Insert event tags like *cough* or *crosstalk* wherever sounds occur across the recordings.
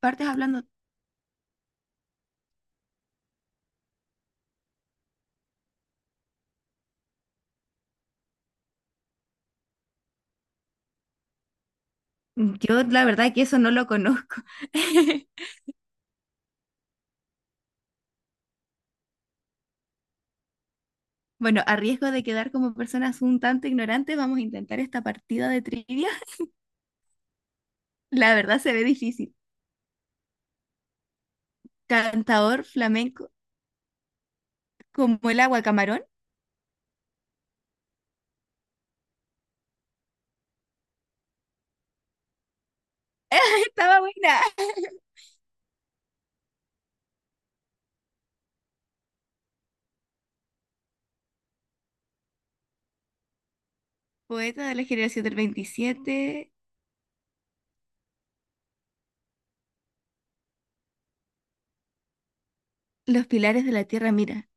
Partes hablando. Yo la verdad que eso no lo conozco. *laughs* Bueno, a riesgo de quedar como personas un tanto ignorantes, vamos a intentar esta partida de trivia. *laughs* La verdad se ve difícil. Cantador flamenco como el agua camarón. *laughs* Estaba buena. Poeta de la generación del 27. Los pilares de la tierra, mira.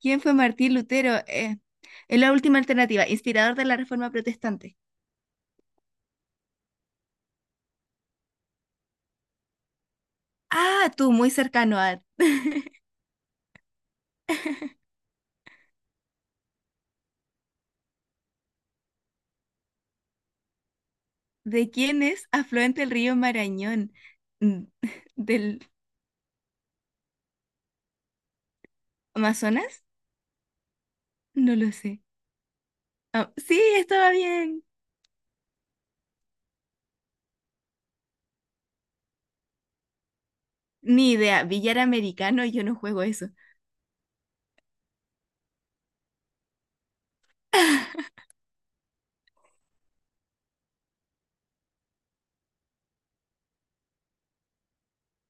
¿Quién fue Martín Lutero? Es la última alternativa, inspirador de la Reforma Protestante. Ah, tú, muy cercano a... *laughs* ¿De quién es afluente el río Marañón? Mm, *laughs* ¿Del Amazonas? No lo sé. Ah, sí, estaba bien. Ni idea. Billar americano, yo no juego eso.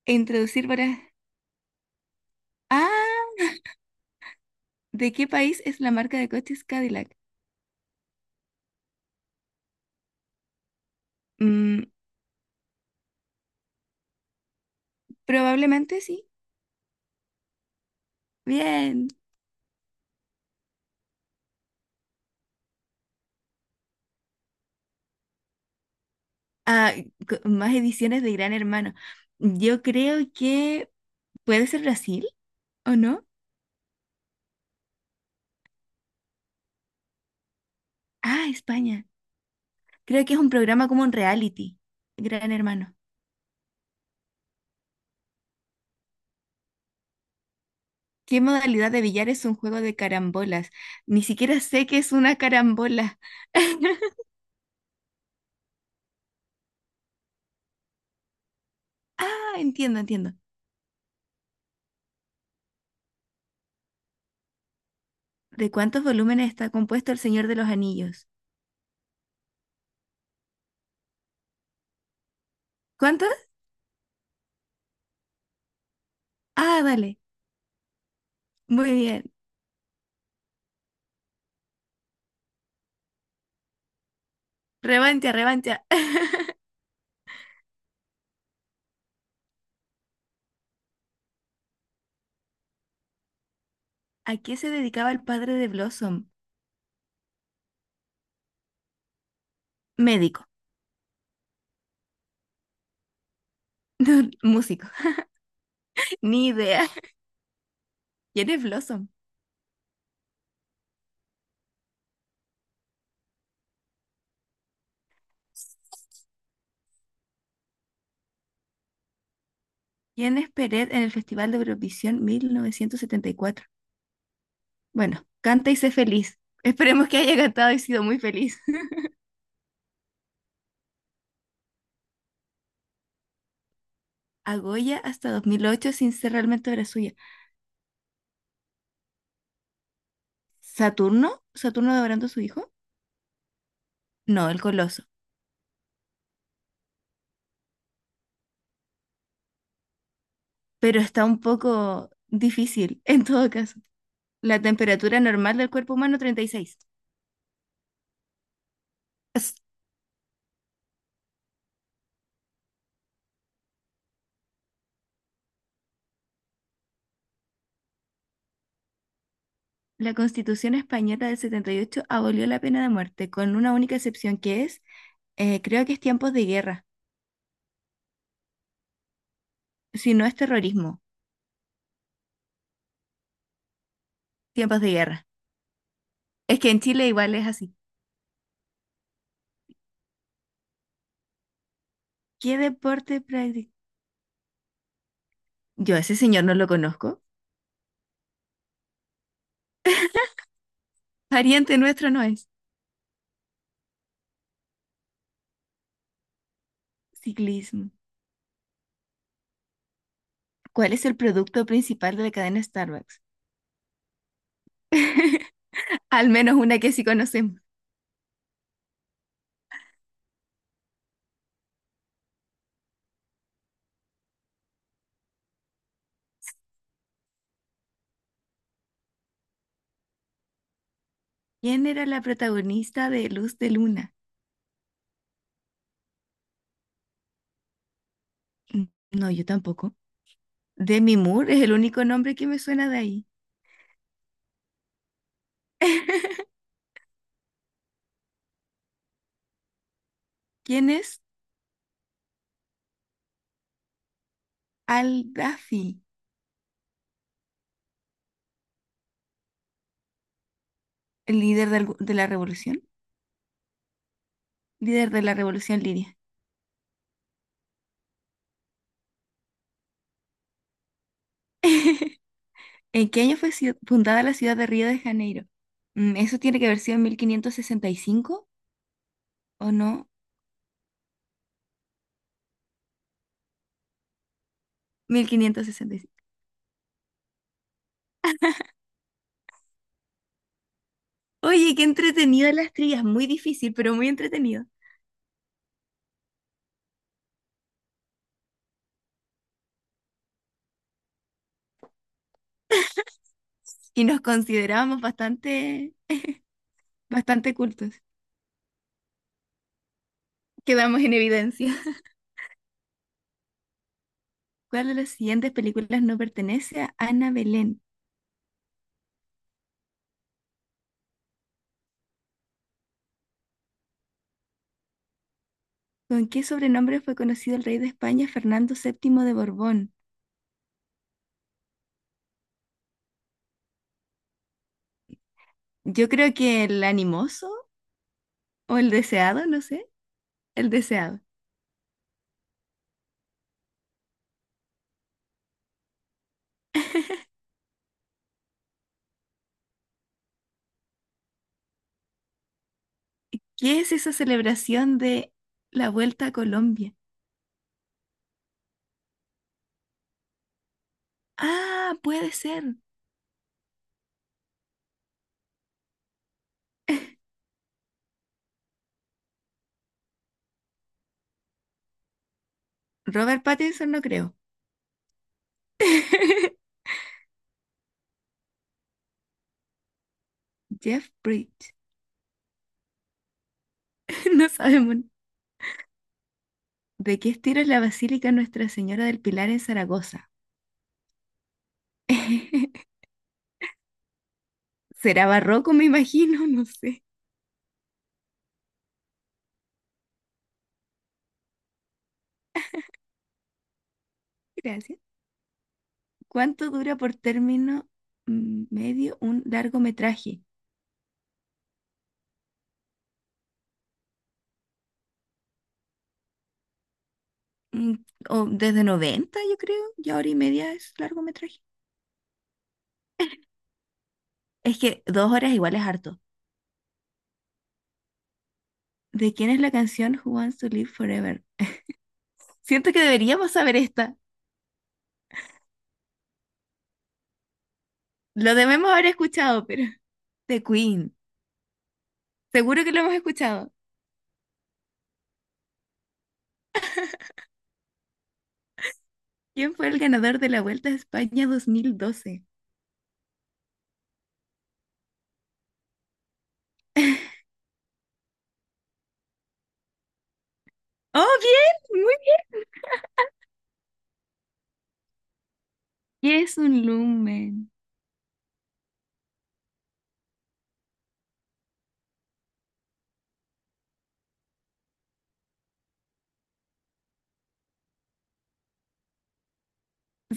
E introducir para... Ah, ¿de qué país es la marca de coches Cadillac? Mm, Probablemente sí. Bien. Ah, Más ediciones de Gran Hermano. Yo creo que puede ser Brasil, ¿o no? Ah, España. Creo que es un programa como un reality. Gran Hermano. ¿Qué modalidad de billar es un juego de carambolas? Ni siquiera sé qué es una carambola. *laughs* Ah, entiendo. ¿De cuántos volúmenes está compuesto El Señor de los Anillos? ¿Cuántos? Ah, vale. Muy bien. Revancha. *laughs* ¿A qué se dedicaba el padre de Blossom? Médico. *laughs* No, músico. *laughs* Ni idea. ¿Quién es Blossom? ¿Quién es Peret en el Festival de Eurovisión 1974? Bueno, canta y sé feliz. Esperemos que haya cantado y sido muy feliz. *laughs* A Goya hasta 2008 sin ser realmente obra suya. ¿Saturno? ¿Saturno devorando a su hijo? No, el Coloso. Pero está un poco difícil en todo caso. La temperatura normal del cuerpo humano 36. Es- La Constitución española del 78 abolió la pena de muerte, con una única excepción que es, creo que es tiempos de guerra, si no es terrorismo, tiempos de guerra. Es que en Chile igual es así. ¿Qué deporte practica? Yo a ese señor no lo conozco. *laughs* Pariente nuestro no es. Ciclismo. ¿Cuál es el producto principal de la cadena Starbucks? *laughs* Al menos una que sí conocemos. ¿Quién era la protagonista de Luz de Luna? Mm, No, yo tampoco. Demi Moore es el único nombre que me suena de ahí. *laughs* ¿Quién es Al-Dafi? ¿El líder de la revolución? Líder de la revolución Lidia. *laughs* ¿En qué año fue fundada la ciudad de Río de Janeiro? ¿Eso tiene que haber sido en 1565 o no? 1565. Oye, qué entretenido las trillas, muy difícil, pero muy entretenido. Y nos considerábamos bastante, bastante cultos. Quedamos en evidencia. ¿Cuál de las siguientes películas no pertenece a Ana Belén? ¿Con qué sobrenombre fue conocido el rey de España Fernando VII de Borbón? Yo creo que el animoso o el deseado, no sé, el deseado. ¿Qué es esa celebración de la vuelta a Colombia? Ah, puede ser. Robert Pattinson no creo. *laughs* Jeff Bridges. *laughs* No sabemos. ¿De qué estilo es la Basílica Nuestra Señora del Pilar en Zaragoza? *laughs* ¿Será barroco, me imagino? *laughs* No sé. Gracias. ¿Cuánto dura por término medio un largometraje? Mm, O desde 90, yo creo, ya hora y media es largometraje. Es que dos horas igual es harto. ¿De quién es la canción Who Wants to Live Forever? Siento que deberíamos saber esta. Lo debemos haber escuchado, pero *laughs* de Queen. Seguro que lo hemos escuchado. ¿Quién fue el ganador de la Vuelta a España 2012? *laughs* ¡Oh, bien! Muy bien. ¿Qué es un lumen?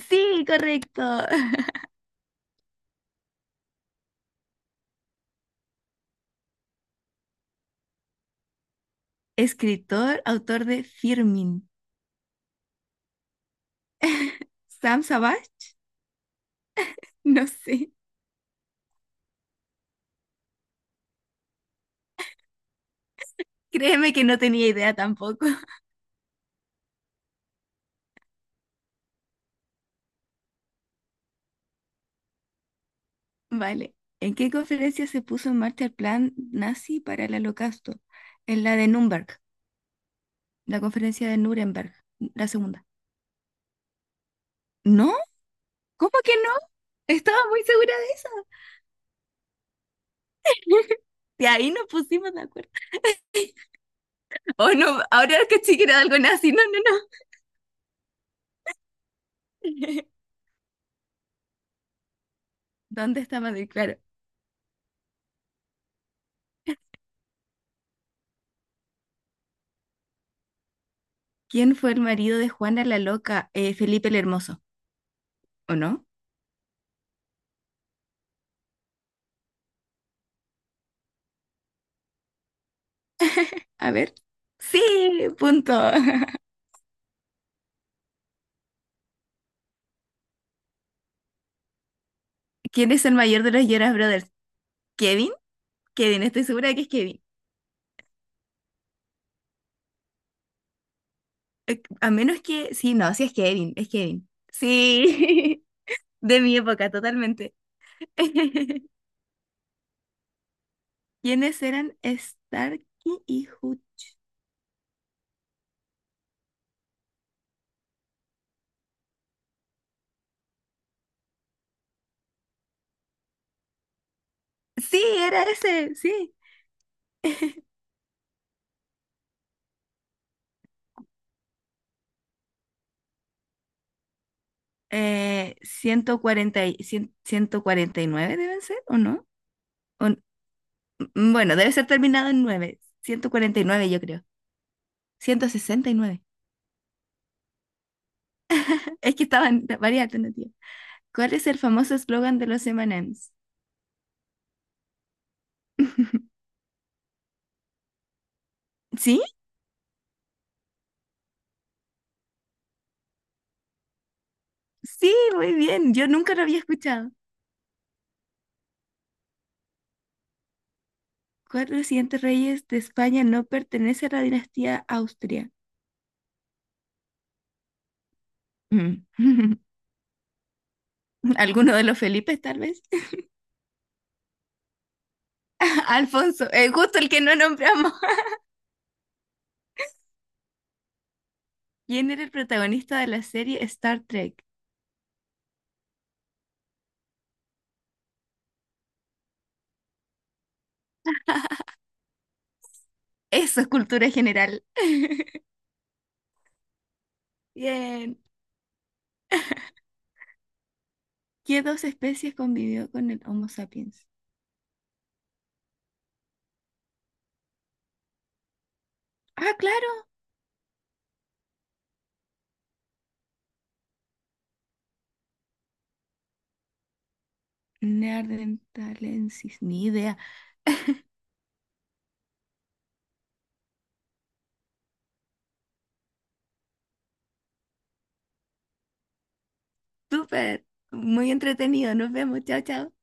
Sí, correcto. *laughs* Escritor, autor de Firmin. *laughs* Sam Savage, *laughs* no sé. Créeme que no tenía idea tampoco. *laughs* Vale. ¿En qué conferencia se puso en marcha el plan nazi para el holocausto? En la de Nuremberg, la conferencia de Nuremberg, la segunda. ¿No? ¿Cómo que no? Estaba muy segura de eso. *laughs* De ahí nos pusimos de acuerdo. Oh, no, ahora que sí que era algo nazi. No, no. *laughs* ¿Dónde está Madrid? Claro. ¿Quién fue el marido de Juana la Loca? Felipe el Hermoso, ¿o no? A ver. Sí, punto. *laughs* ¿Quién es el mayor de los Jonas Brothers? ¿Kevin? Kevin, estoy segura de que es Kevin. A menos que... Sí, no, sí es Kevin, es Kevin. Sí, *laughs* de mi época, totalmente. *laughs* ¿Quiénes eran Starkey y Hut? Sí, era ese, sí. Ciento cuarenta y, 149, deben ser, ¿o no? O n- bueno, debe ser terminado en nueve, 149, yo creo. 169. *laughs* Es que estaban varias alternativas. ¿Cuál es el famoso eslogan de los M&M's? *laughs* Sí, sí, muy bien. Yo nunca lo había escuchado. Cuatro siguientes reyes de España no pertenece a la dinastía Austria. Mm. *laughs* ¿Alguno de los Felipes, tal vez? *laughs* Alfonso, justo el que no nombramos. *laughs* ¿Quién era el protagonista de la serie Star Trek? Eso es cultura general. *laughs* Bien. ¿Qué dos especies convivió con el Homo sapiens? Ah, claro. Neanderthalensis, ni idea. Súper, muy entretenido. Nos vemos. Chao, chao.